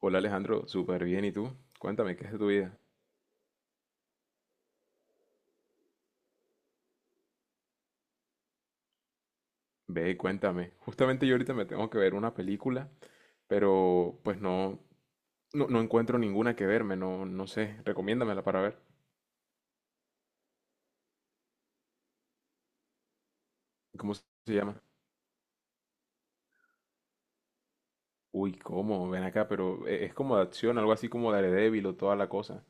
Hola Alejandro, súper bien. ¿Y tú? Cuéntame, ¿qué es de tu vida? Ve, cuéntame. Justamente yo ahorita me tengo que ver una película, pero pues no, no, encuentro ninguna que verme, no, no sé. Recomiéndamela para ver. ¿Cómo se llama? Uy, ¿cómo? Ven acá, pero es como de acción, algo así como Daredevil o toda la cosa.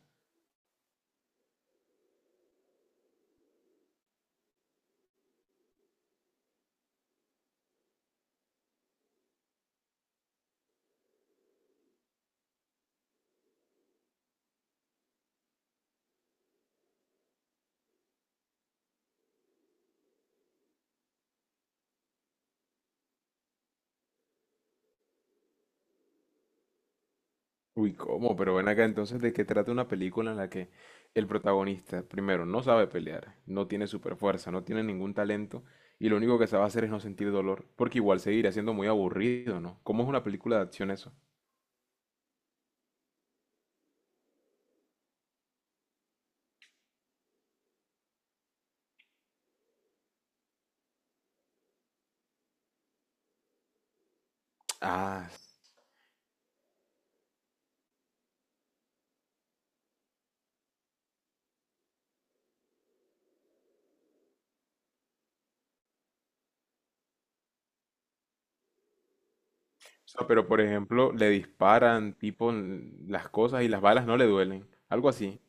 Uy, ¿cómo? Pero ven acá, entonces ¿de qué trata una película en la que el protagonista, primero, no sabe pelear, no tiene super fuerza, no tiene ningún talento y lo único que sabe hacer es no sentir dolor? Porque igual seguirá siendo muy aburrido, ¿no? ¿Cómo es una película de acción eso? Ah, o sea, pero por ejemplo, le disparan tipo en las cosas y las balas no le duelen, algo así.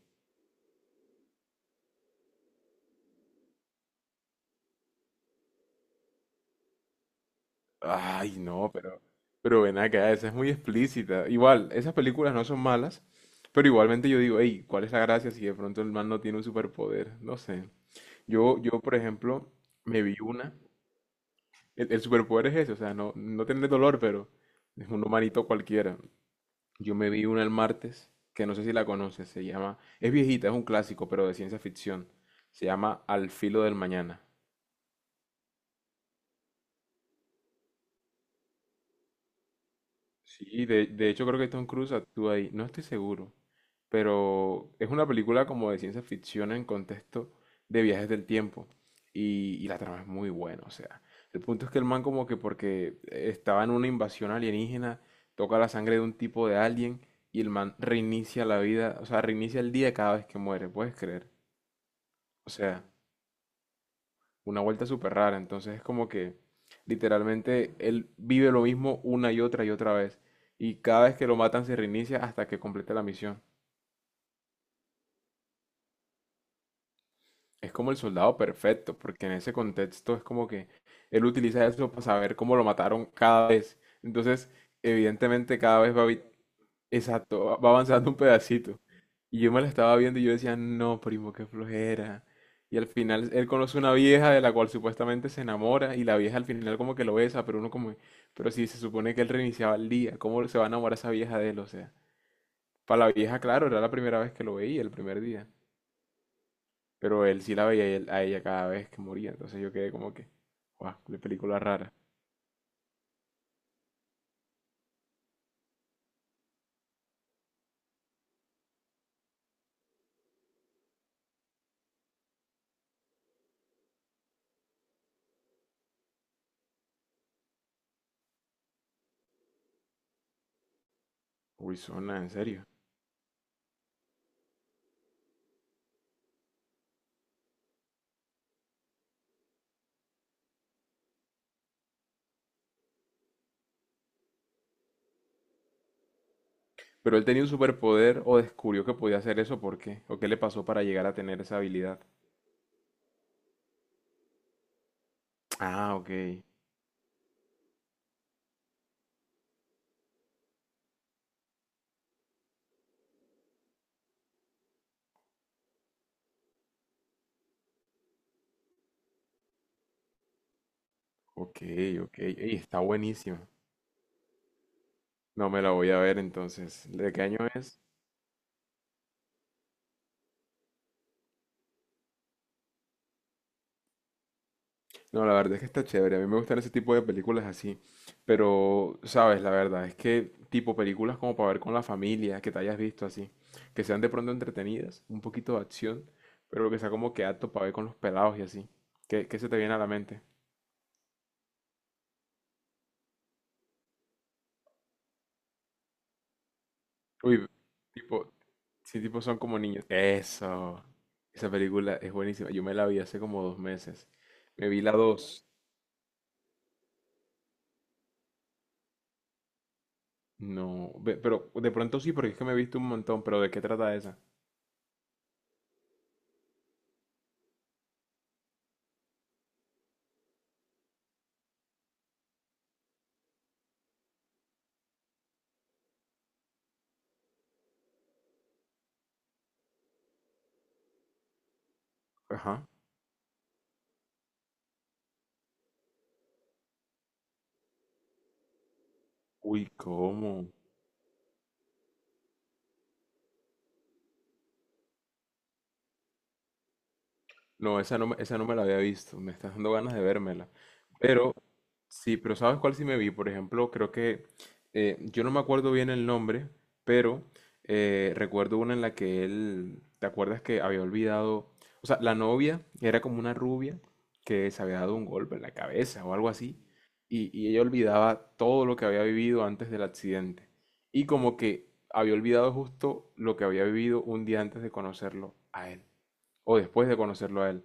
Ay, no, pero ven acá, esa es muy explícita. Igual, esas películas no son malas, pero igualmente yo digo, hey, ¿cuál es la gracia si de pronto el man no tiene un superpoder? No sé. Yo, por ejemplo, me vi una. El superpoder es ese, o sea, no, no tener dolor, pero es un humanito cualquiera. Yo me vi una el martes, que no sé si la conoces, se llama, es viejita, es un clásico, pero de ciencia ficción. Se llama Al filo del mañana. Sí, de hecho creo que Tom Cruise actúa ahí, no estoy seguro, pero es una película como de ciencia ficción en contexto de viajes del tiempo y la trama es muy buena. O sea, el punto es que el man, como que porque estaba en una invasión alienígena, toca la sangre de un tipo de alien y el man reinicia la vida, o sea, reinicia el día cada vez que muere, ¿puedes creer? O sea, una vuelta súper rara. Entonces es como que literalmente él vive lo mismo una y otra vez. Y cada vez que lo matan se reinicia hasta que complete la misión. Es como el soldado perfecto, porque en ese contexto es como que él utiliza eso para saber cómo lo mataron cada vez. Entonces, evidentemente cada vez va a evitar. Exacto, va avanzando un pedacito. Y yo me la estaba viendo y yo decía, no, primo, qué flojera. Y al final él conoce una vieja de la cual supuestamente se enamora y la vieja al final como que lo besa, pero uno como, pero si se supone que él reiniciaba el día, ¿cómo se va a enamorar esa vieja de él? O sea, para la vieja, claro, era la primera vez que lo veía, el primer día, pero él sí la veía, y a ella cada vez que moría, entonces yo quedé como que, guau, qué película rara. Uy, zona, en serio. Pero ¿él tenía un superpoder o descubrió que podía hacer eso? ¿Por qué? ¿O qué le pasó para llegar a tener esa habilidad? Ah, ok. Ok, ok. Ey, está buenísima. No me la voy a ver entonces. ¿De qué año es? No, la verdad es que está chévere. A mí me gustan ese tipo de películas así. Pero, sabes, la verdad es que tipo películas como para ver con la familia, que te hayas visto así. Que sean de pronto entretenidas, un poquito de acción, pero que sea como que apto para ver con los pelados y así. ¿Qué, qué se te viene a la mente? Uy, tipo, sí, tipo son como niños. Eso. Esa película es buenísima. Yo me la vi hace como dos meses. Me vi la dos. No, pero de pronto sí, porque es que me he visto un montón, pero ¿de qué trata esa? Ajá. Uy, ¿cómo? No, esa no, esa no me la había visto, me está dando ganas de vérmela. Pero sí, pero ¿sabes cuál sí me vi? Por ejemplo, creo que yo no me acuerdo bien el nombre, pero recuerdo una en la que él, ¿te acuerdas que había olvidado? O sea, la novia era como una rubia que se había dado un golpe en la cabeza o algo así, y ella olvidaba todo lo que había vivido antes del accidente, y como que había olvidado justo lo que había vivido un día antes de conocerlo a él, o después de conocerlo a él.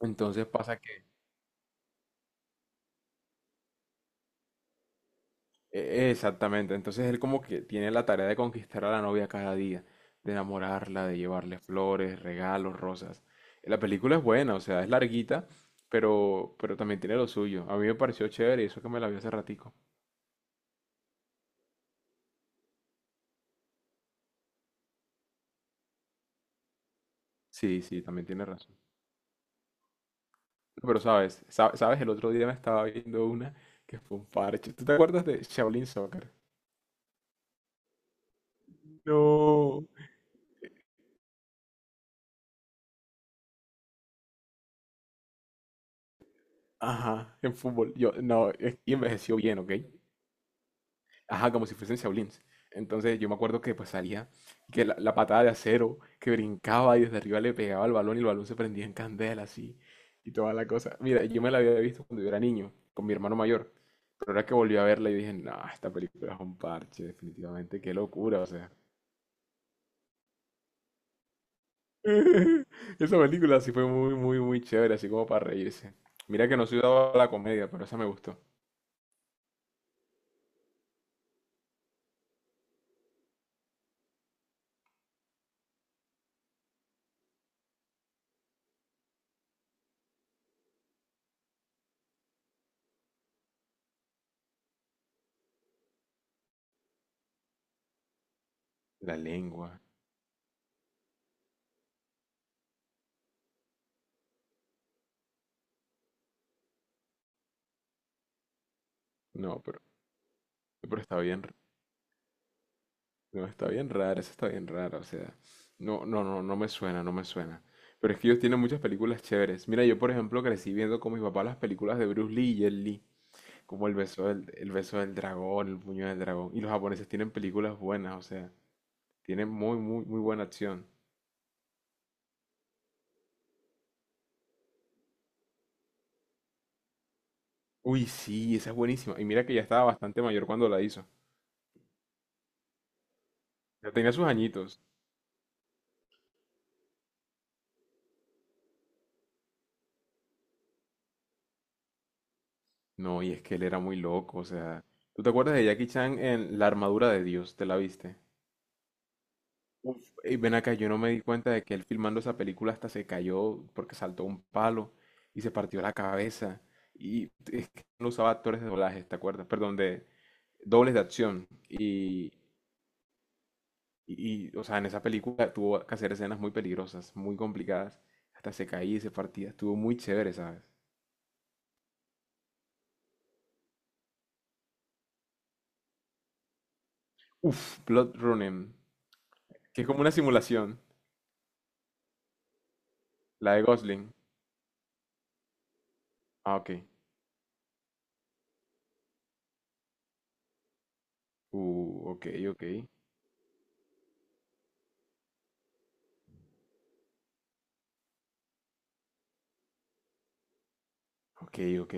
Entonces pasa que... Exactamente, entonces él como que tiene la tarea de conquistar a la novia cada día, de enamorarla, de llevarle flores, regalos, rosas. La película es buena, o sea, es larguita, pero también tiene lo suyo. A mí me pareció chévere y eso que me la vi hace ratico. Sí, sí, también tiene razón. Pero sabes, sabes, el otro día me estaba viendo una que fue un parche. ¿Tú te acuerdas de Shaolin Soccer? No. Ajá, en fútbol. Yo, no, y envejeció bien, ¿ok? Ajá, como si fuesen Shaolins. Entonces yo me acuerdo que pues salía, que la patada de acero, que brincaba y desde arriba le pegaba al balón y el balón se prendía en candela así y toda la cosa. Mira, yo me la había visto cuando yo era niño, con mi hermano mayor, pero ahora que volví a verla y dije, no, esta película es un parche, definitivamente, qué locura, o sea. Esa película sí fue muy, muy, muy chévere, así como para reírse. Mira que no soy dado a la comedia, pero esa me gustó. La lengua, no, pero está bien. No, está bien rara, esa está bien rara, o sea, no, no, no, no me suena, no me suena. Pero es que ellos tienen muchas películas chéveres. Mira, yo por ejemplo crecí viendo con mi papá las películas de Bruce Lee y Jet Li, como El beso del dragón, El puño del dragón. Y los japoneses tienen películas buenas, o sea, tienen muy, muy, muy buena acción. Uy, sí, esa es buenísima. Y mira que ya estaba bastante mayor cuando la hizo. Ya tenía sus añitos. No, y es que él era muy loco, o sea, ¿tú te acuerdas de Jackie Chan en La armadura de Dios? ¿Te la viste? Uf, ey, ven acá, yo no me di cuenta de que él filmando esa película hasta se cayó porque saltó un palo y se partió la cabeza. Y es que no usaba actores de doblaje, ¿te acuerdas? Perdón, de dobles de acción. Y, o sea, en esa película tuvo que hacer escenas muy peligrosas, muy complicadas. Hasta se caía y se partía. Estuvo muy chévere, ¿sabes? Uf, Blood Running, que es como una simulación, la de Gosling. Ah, ok. Ok, ok. Ok, ok.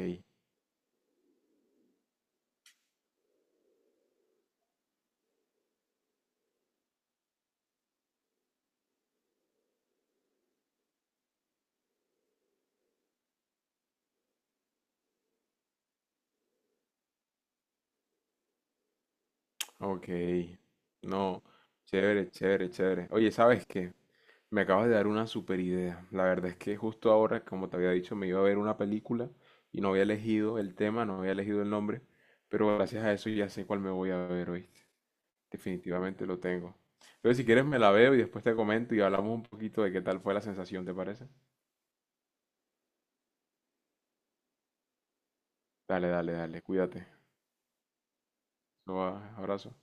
Ok, no, chévere, chévere, chévere. Oye, ¿sabes qué? Me acabas de dar una super idea. La verdad es que justo ahora, como te había dicho, me iba a ver una película y no había elegido el tema, no había elegido el nombre, pero gracias a eso ya sé cuál me voy a ver, ¿oíste? Definitivamente lo tengo. Entonces, si quieres, me la veo y después te comento y hablamos un poquito de qué tal fue la sensación, ¿te parece? Dale, dale, dale, cuídate. Abrazo.